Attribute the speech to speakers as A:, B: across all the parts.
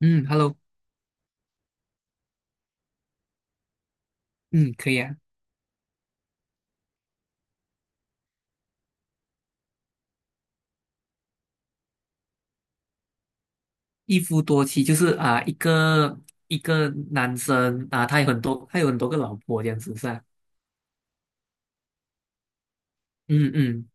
A: 嗯，Hello，嗯，可以啊。一夫多妻就是一个男生他有很多个老婆这样子是吧？嗯嗯。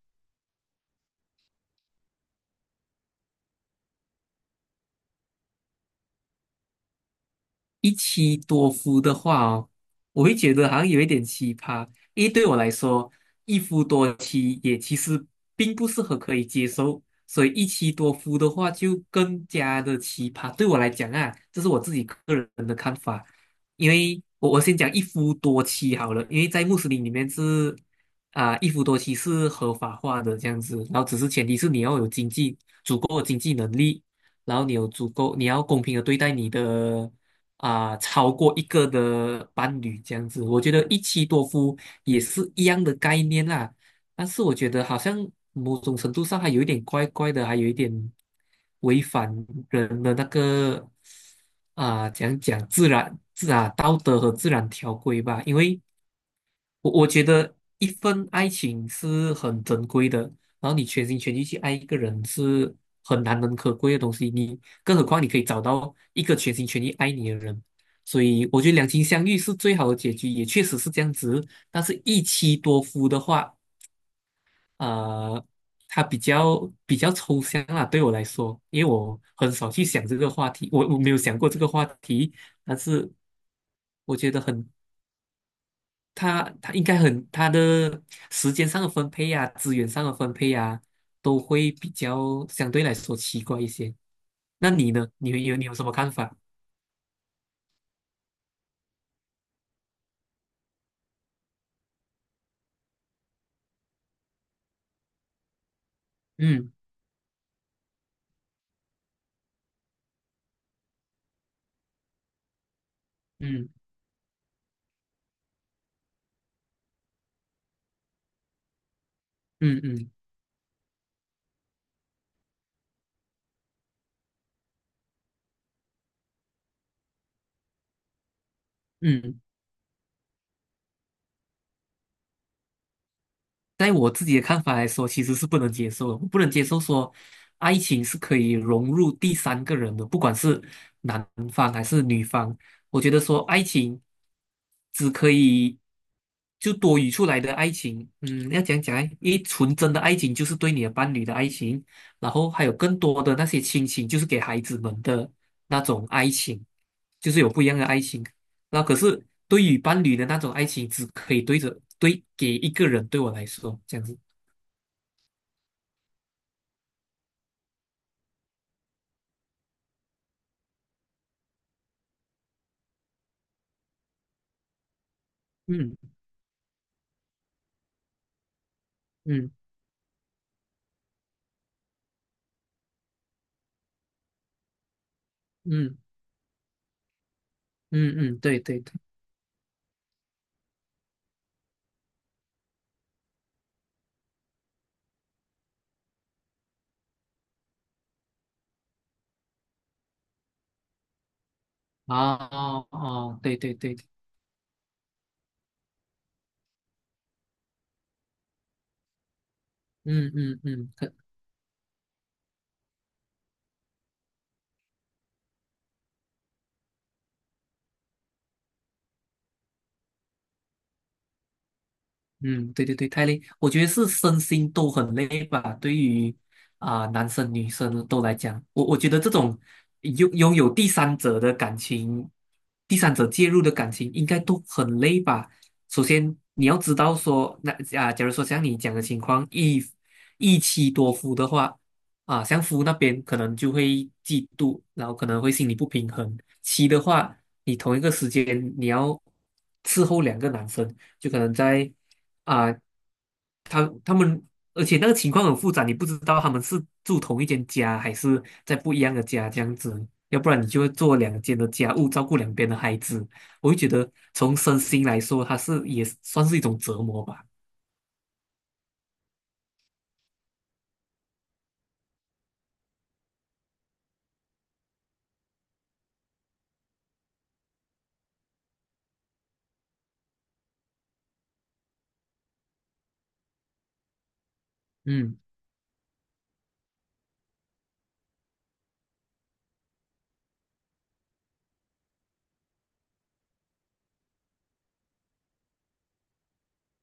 A: 一妻多夫的话哦，我会觉得好像有一点奇葩，因为对我来说，一夫多妻也其实并不是很可以接受，所以一妻多夫的话就更加的奇葩。对我来讲啊，这是我自己个人的看法，因为我先讲一夫多妻好了，因为在穆斯林里面一夫多妻是合法化的这样子，然后只是前提是你要有经济足够的经济能力。然后你有足够，你要公平的对待你的超过一个的伴侣这样子。我觉得一妻多夫也是一样的概念啦，但是我觉得好像某种程度上还有一点怪怪的，还有一点违反人的讲讲自然道德和自然条规吧，因为。我觉得一份爱情是很珍贵的，然后你全心全意去爱一个人是很难能可贵的东西，更何况你可以找到一个全心全意爱你的人，所以我觉得两情相悦是最好的结局，也确实是这样子。但是一妻多夫的话，呃，它比较抽象啊，对我来说，因为我很少去想这个话题，我没有想过这个话题，但是我觉得很他他应该很他的时间上的分配呀、资源上的分配呀、都会比较相对来说奇怪一些。那你呢？你有什么看法？嗯嗯嗯嗯嗯。在我自己的看法来说，其实是不能接受的。我不能接受说，爱情是可以融入第三个人的，不管是男方还是女方。我觉得说，爱情只可以就多余出来的爱情，要讲讲诶，因为纯真的爱情就是对你的伴侣的爱情，然后还有更多的那些亲情，就是给孩子们的那种爱情，就是有不一样的爱情。那可是对于伴侣的那种爱情，只可以对给一个人，对我来说这样子。嗯嗯嗯嗯嗯，对对对，啊哦哦，对对对，嗯嗯嗯，嗯，对对对，太累，我觉得是身心都很累吧。对于男生女生都来讲，我觉得这种拥有第三者的感情，第三者介入的感情，应该都很累吧。首先你要知道说，那假如说像你讲的情况，一妻多夫的话，啊，像夫那边可能就会嫉妒，然后可能会心理不平衡。妻的话，你同一个时间你要伺候两个男生。就可能在啊，他们，而且那个情况很复杂，你不知道他们是住同一间家，还是在不一样的家这样子，要不然你就会做两间的家务，照顾两边的孩子。我会觉得从身心来说，它是也算是一种折磨吧。嗯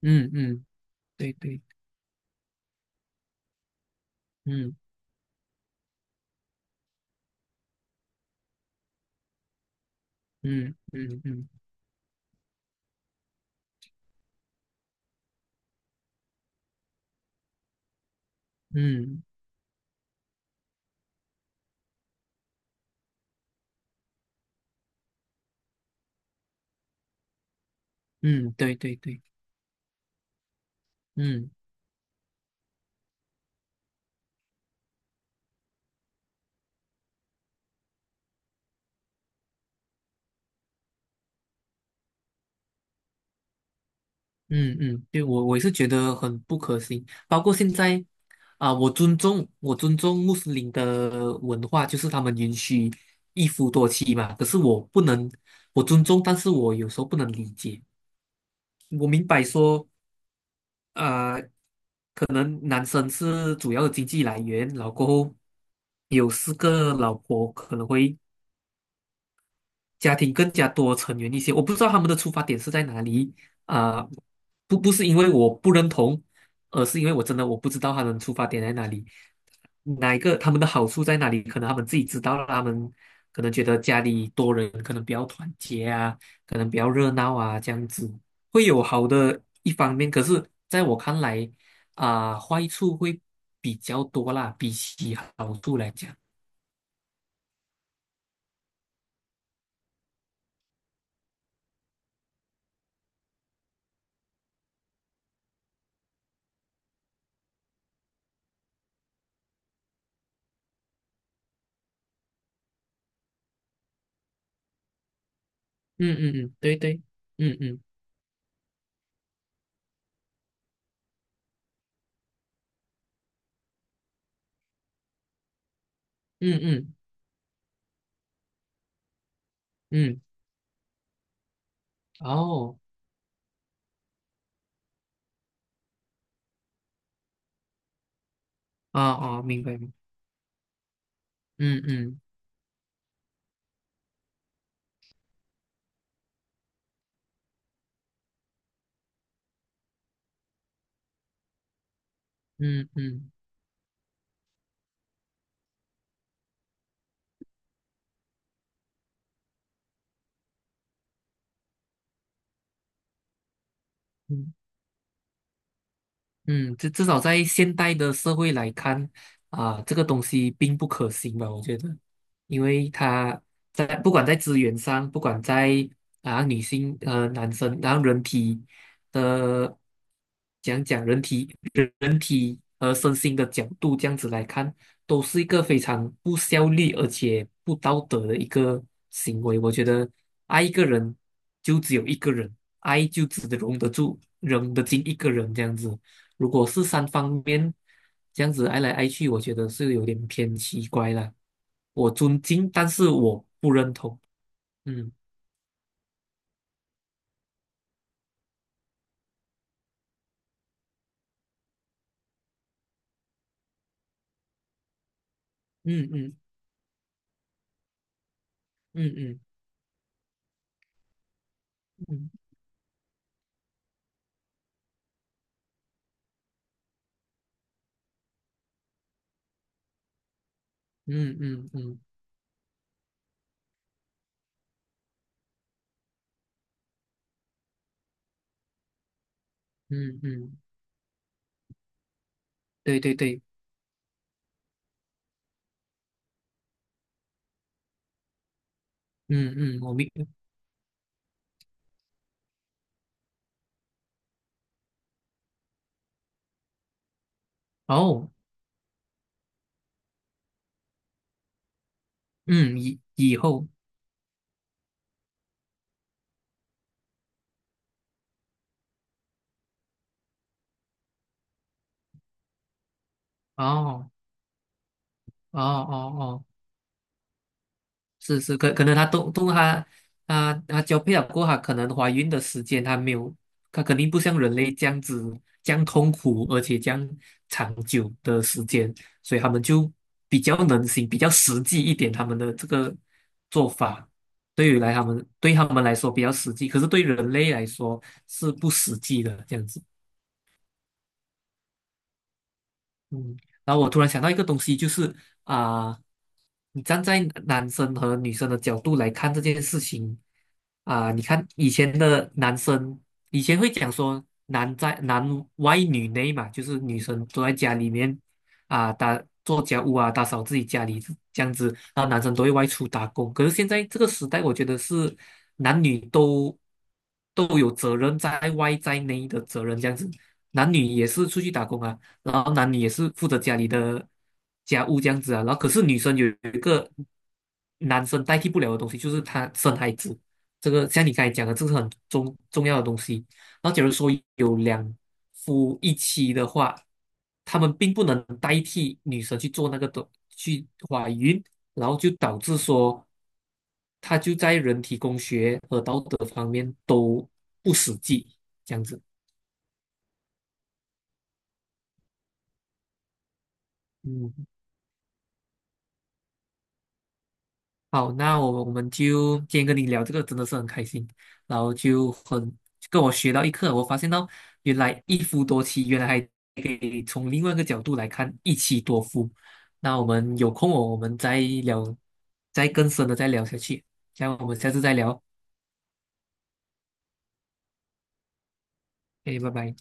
A: 嗯嗯，对对，嗯嗯嗯嗯嗯嗯，对对对，嗯。嗯嗯，对，我也是觉得很不可行。包括现在啊，我尊重穆斯林的文化，就是他们允许一夫多妻嘛。可是我不能，我尊重，但是我有时候不能理解。我明白说，呃，可能男生是主要的经济来源，然后过后有四个老婆可能会家庭更加多成员一些。我不知道他们的出发点是在哪里啊、不是因为我不认同，而是因为我真的我不知道他们出发点在哪里，哪一个他们的好处在哪里？可能他们自己知道了，他们可能觉得家里多人可能比较团结啊，可能比较热闹啊，这样子会有好的一方面。可是在我看来坏处会比较多啦，比起好处来讲。嗯嗯嗯，对对，嗯嗯嗯嗯嗯。哦，哦哦，明白明白。嗯嗯嗯嗯嗯嗯。至少在现代的社会来看，这个东西并不可行吧？我觉得，因为不管在资源上，不管在女性男生，然后人体的讲讲人体。体和身心的角度这样子来看，都是一个非常不效率而且不道德的一个行为。我觉得爱一个人就只有一个人，爱就只容得住、容得进一个人这样子。如果是三方面这样子爱来爱去，我觉得是有点偏奇怪了。我尊敬，但是我不认同。嗯嗯嗯嗯嗯嗯嗯嗯嗯嗯嗯，对对对，嗯嗯，我明。哦，嗯，以后，哦，哦哦哦，是是，可能他都都他她交配了过后，她可能怀孕的时间他没有，他肯定不像人类这样子这样痛苦，而且这样长久的时间，所以他们就比较能行，比较实际一点他们的这个做法，对于来他们对他们来说比较实际，可是对人类来说是不实际的这样子。嗯，然后我突然想到一个东西，就是啊、你站在男生和女生的角度来看这件事情你看以前的男生，以前会讲说男外女内嘛，就是女生都在家里面做家务啊，打扫自己家里这样子，然后男生都会外出打工。可是现在这个时代，我觉得是男女都有责任在外在内的责任这样子。男女也是出去打工啊，然后男女也是负责家里的家务这样子啊。然后可是女生有一个男生代替不了的东西，就是她生孩子。这个像你刚才讲的，这是很重要的东西。然后假如说有两夫一妻的话，他们并不能代替女生去做那个的去怀孕，然后就导致说，他就在人体工学和道德方面都不实际，这样子。嗯。好，那我们就今天跟你聊这个真的是很开心，然后跟我学到一课，我发现到原来一夫多妻，原来还可以从另外一个角度来看一妻多夫。那我们有空哦，我们再聊，再更深的再聊下去。这样我们下次再聊，哎，拜拜。